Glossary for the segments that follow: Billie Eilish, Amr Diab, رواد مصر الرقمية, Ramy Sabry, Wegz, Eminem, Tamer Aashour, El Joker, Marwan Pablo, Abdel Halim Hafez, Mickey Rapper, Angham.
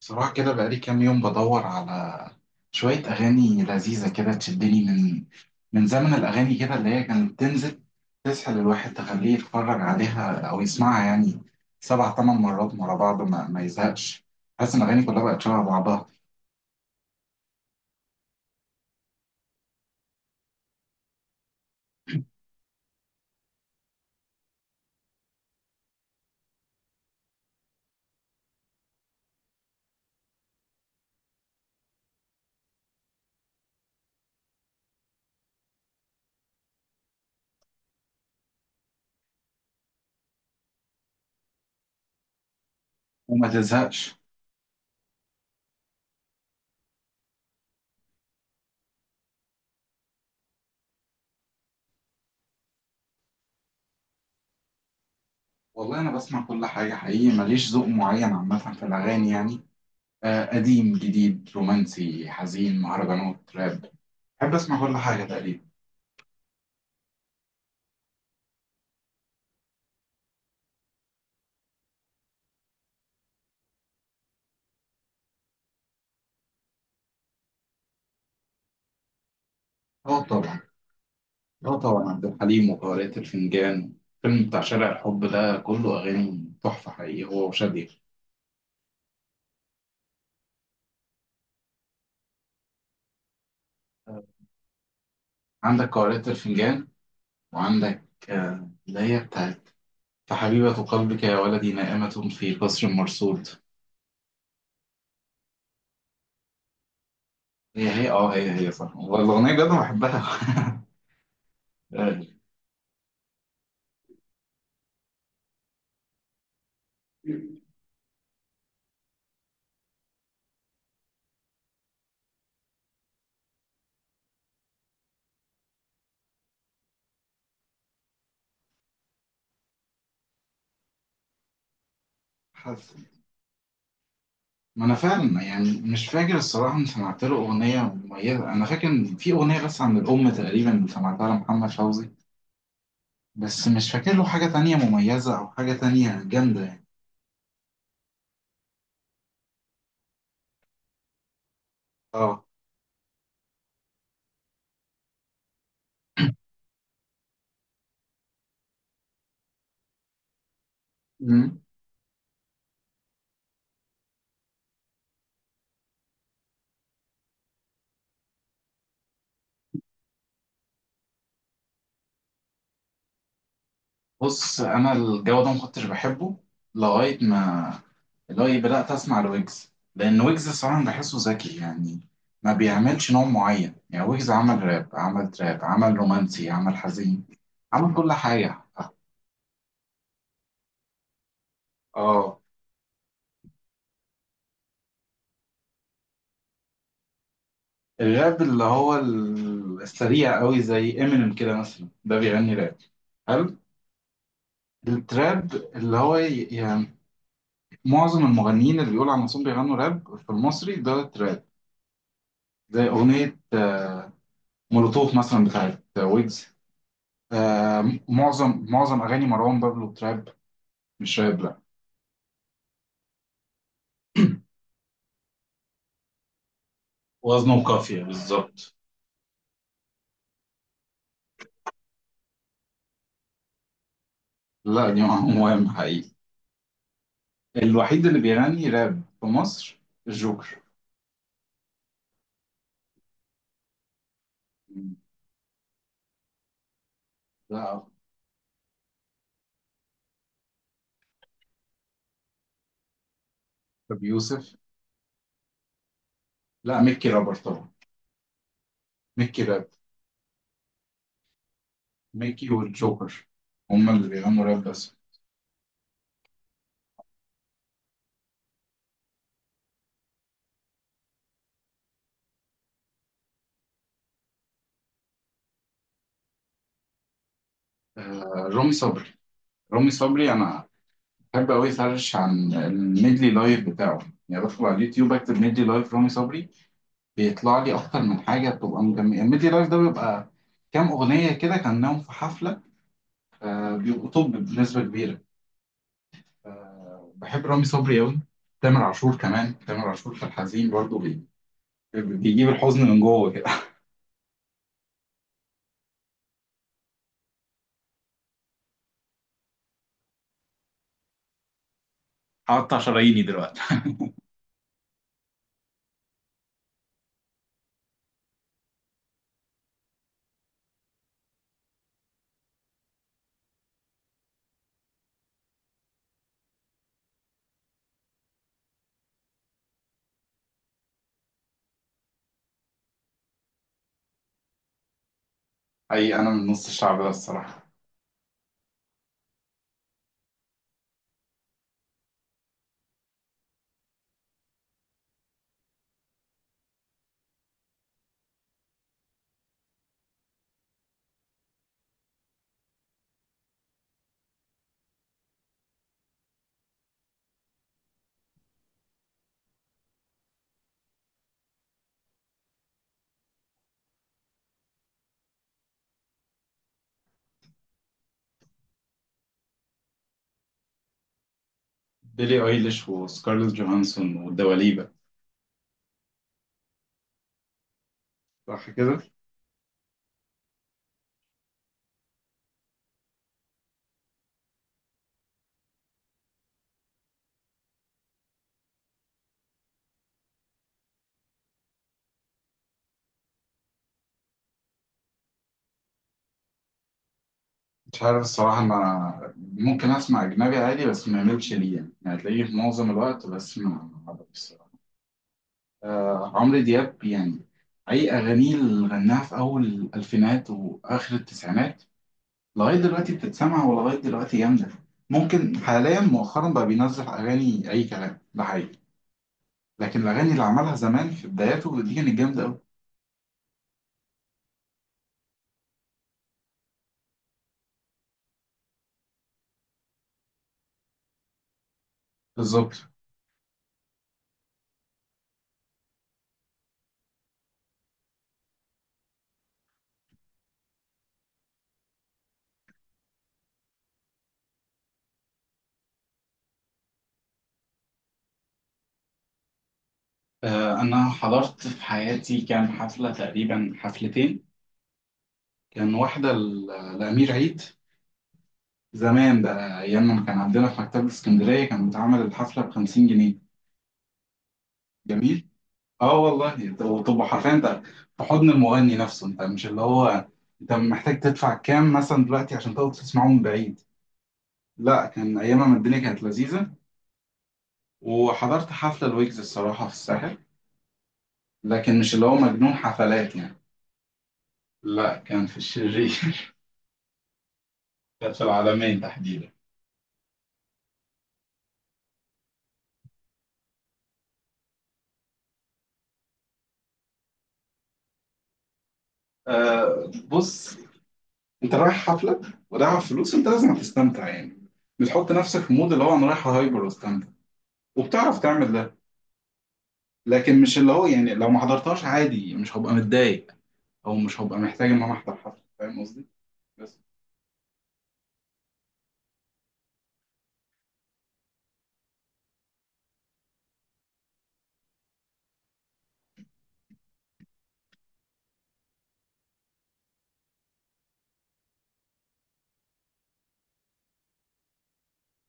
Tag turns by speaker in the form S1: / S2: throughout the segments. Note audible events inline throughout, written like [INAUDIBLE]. S1: بصراحة كده بقالي كام يوم بدور على شوية أغاني لذيذة كده تشدني من زمن الأغاني كده اللي هي كانت بتنزل تسحل الواحد تخليه يتفرج عليها أو يسمعها، يعني سبع تمن مرات ورا بعض ما يزهقش. حاسس إن الأغاني كلها بقت شبه بعضها وما تزهقش. والله أنا بسمع كل حاجة حقيقي، ماليش ذوق معين عامة في الأغاني، يعني قديم جديد رومانسي حزين مهرجانات راب، بحب أسمع كل حاجة تقريبا. اه طبعا. اه طبعا عبد الحليم وقارئة الفنجان، الفيلم بتاع شارع الحب ده كله أغاني تحفة حقيقي، هو وشادية. عندك قارئة الفنجان، وعندك اللي هي بتاعت فحبيبة قلبك يا ولدي نائمة في قصر مرصود. هي هي هي هي صح، والأغنية بجد أنا بحبها. [LAUGHS] آه، حاسس. ما أنا فعلا يعني مش فاكر الصراحة إن سمعت له أغنية مميزة، أنا فاكر إن في أغنية بس عن الأم تقريبا سمعتها لمحمد فوزي، بس مش فاكر له حاجة تانية مميزة أو حاجة تانية جامدة. اه. مم. بص انا الجو ده ما كنتش بحبه لغايه ما لغايه بدات اسمع لويجز، لان ويجز الصراحه أنا بحسه ذكي يعني، ما بيعملش نوع معين، يعني ويجز عمل راب، عمل تراب، عمل رومانسي، عمل حزين، عمل كل حاجه. اه. الراب اللي هو السريع قوي زي امينيم كده مثلا، ده بيغني راب حلو. التراب اللي هو يعني معظم المغنيين اللي بيقولوا على نفسهم بيغنوا راب في المصري ده تراب، زي اغنيه مولوتوف مثلا بتاعت ويجز. معظم اغاني مروان بابلو تراب، مش راب لا. وزنه قافية بالظبط. لا دي مهم حقيقي. الوحيد اللي بيغني راب في مصر الجوكر. مم. لا. ابو يوسف. لا ميكي رابر طبعا، ميكي راب، ميكي والجوكر هم اللي بيغنوا راب بس. آه. رامي صبري. رامي صبري انا بحب قوي سيرش عن الميدلي لايف بتاعه، يعني بدخل على اليوتيوب اكتب ميدلي لايف رامي صبري بيطلع لي اكتر من حاجه، بتبقى مجمع، ميدي لايف ده بيبقى كام اغنيه كده كانهم في حفله. بيبقوا طب بنسبه كبيره. بحب رامي صبري قوي. تامر عاشور كمان، تامر عاشور في الحزين برضه بيجيب الحزن من جوه كده. [LAUGHS] هقطع شراييني دلوقتي. حقيقي انا من نص الشعب ده الصراحه. بيلي ايليش وسكارلت جوهانسون والدواليبة. صح كده. مش عارف الصراحة، أنا ممكن أسمع أجنبي عادي بس ما يملش لي يعني، يعني هتلاقيه في معظم الوقت، بس ما آه، عمرو دياب يعني أي أغانيه اللي غناها في أول الألفينات وآخر التسعينات لغاية دلوقتي بتتسمع، ولغاية دلوقتي جامدة. ممكن حاليا مؤخرا بقى بينزل أغاني أي كلام ده حقيقي، لكن الأغاني اللي عملها زمان في بداياته دي كانت جامدة أوي. بالظبط. آه، أنا حضرت في حياتي كام حفلة تقريبا، حفلتين. كان واحدة لأمير عيد. زمان بقى أيام ما كان عندنا في مكتبة اسكندرية كان بيتعمل الحفلة بـ50 جنيه. جميل. اه والله، انت وتبقى حرفيا انت في حضن المغني نفسه، انت مش اللي هو انت محتاج تدفع كام مثلا دلوقتي عشان تقعد تسمعه من بعيد. لا كان ايامها ما الدنيا كانت لذيذه. وحضرت حفله الويجز الصراحه في الساحل، لكن مش اللي هو مجنون حفلات يعني. لا كان في الشرير. [LAUGHS] كانت في العالمين تحديدا. آه، بص انت رايح حفله ورايح على فلوس، انت لازم تستمتع يعني. بتحط نفسك في مود اللي هو انا رايح هايبر واستمتع، وبتعرف تعمل ده. لكن مش اللي هو يعني لو ما حضرتهاش عادي مش هبقى متضايق، او مش هبقى محتاج ان انا احضر حفله، فاهم قصدي؟ بس.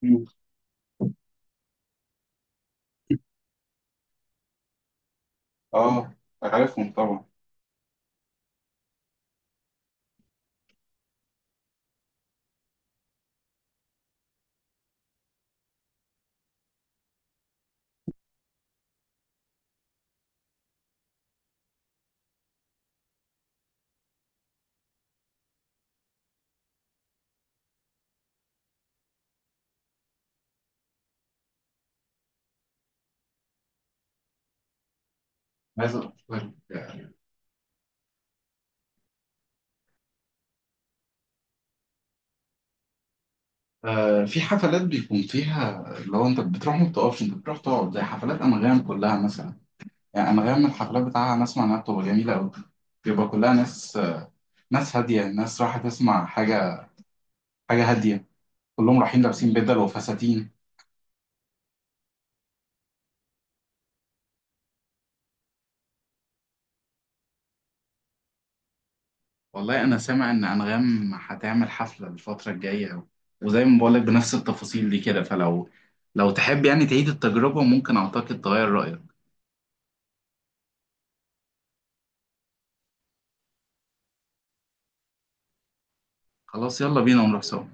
S1: مم. اه. عارفهم طبعا. عايز اقول لك، آه، في حفلات بيكون فيها لو انت بتروح ما بتقفش، انت بتروح تقعد، زي حفلات انغام كلها مثلا. يعني انغام الحفلات بتاعها انا اسمع انها بتبقى جميله قوي، بيبقى كلها ناس، ناس هاديه، ناس رايحه تسمع حاجه، حاجه هاديه، كلهم رايحين لابسين بدل وفساتين. والله انا سامع ان انغام هتعمل حفله الفتره الجايه، وزي ما بقولك بنفس التفاصيل دي كده، فلو تحب يعني تعيد التجربه ممكن اعتقد تغير رايك. خلاص يلا بينا ونروح سوا.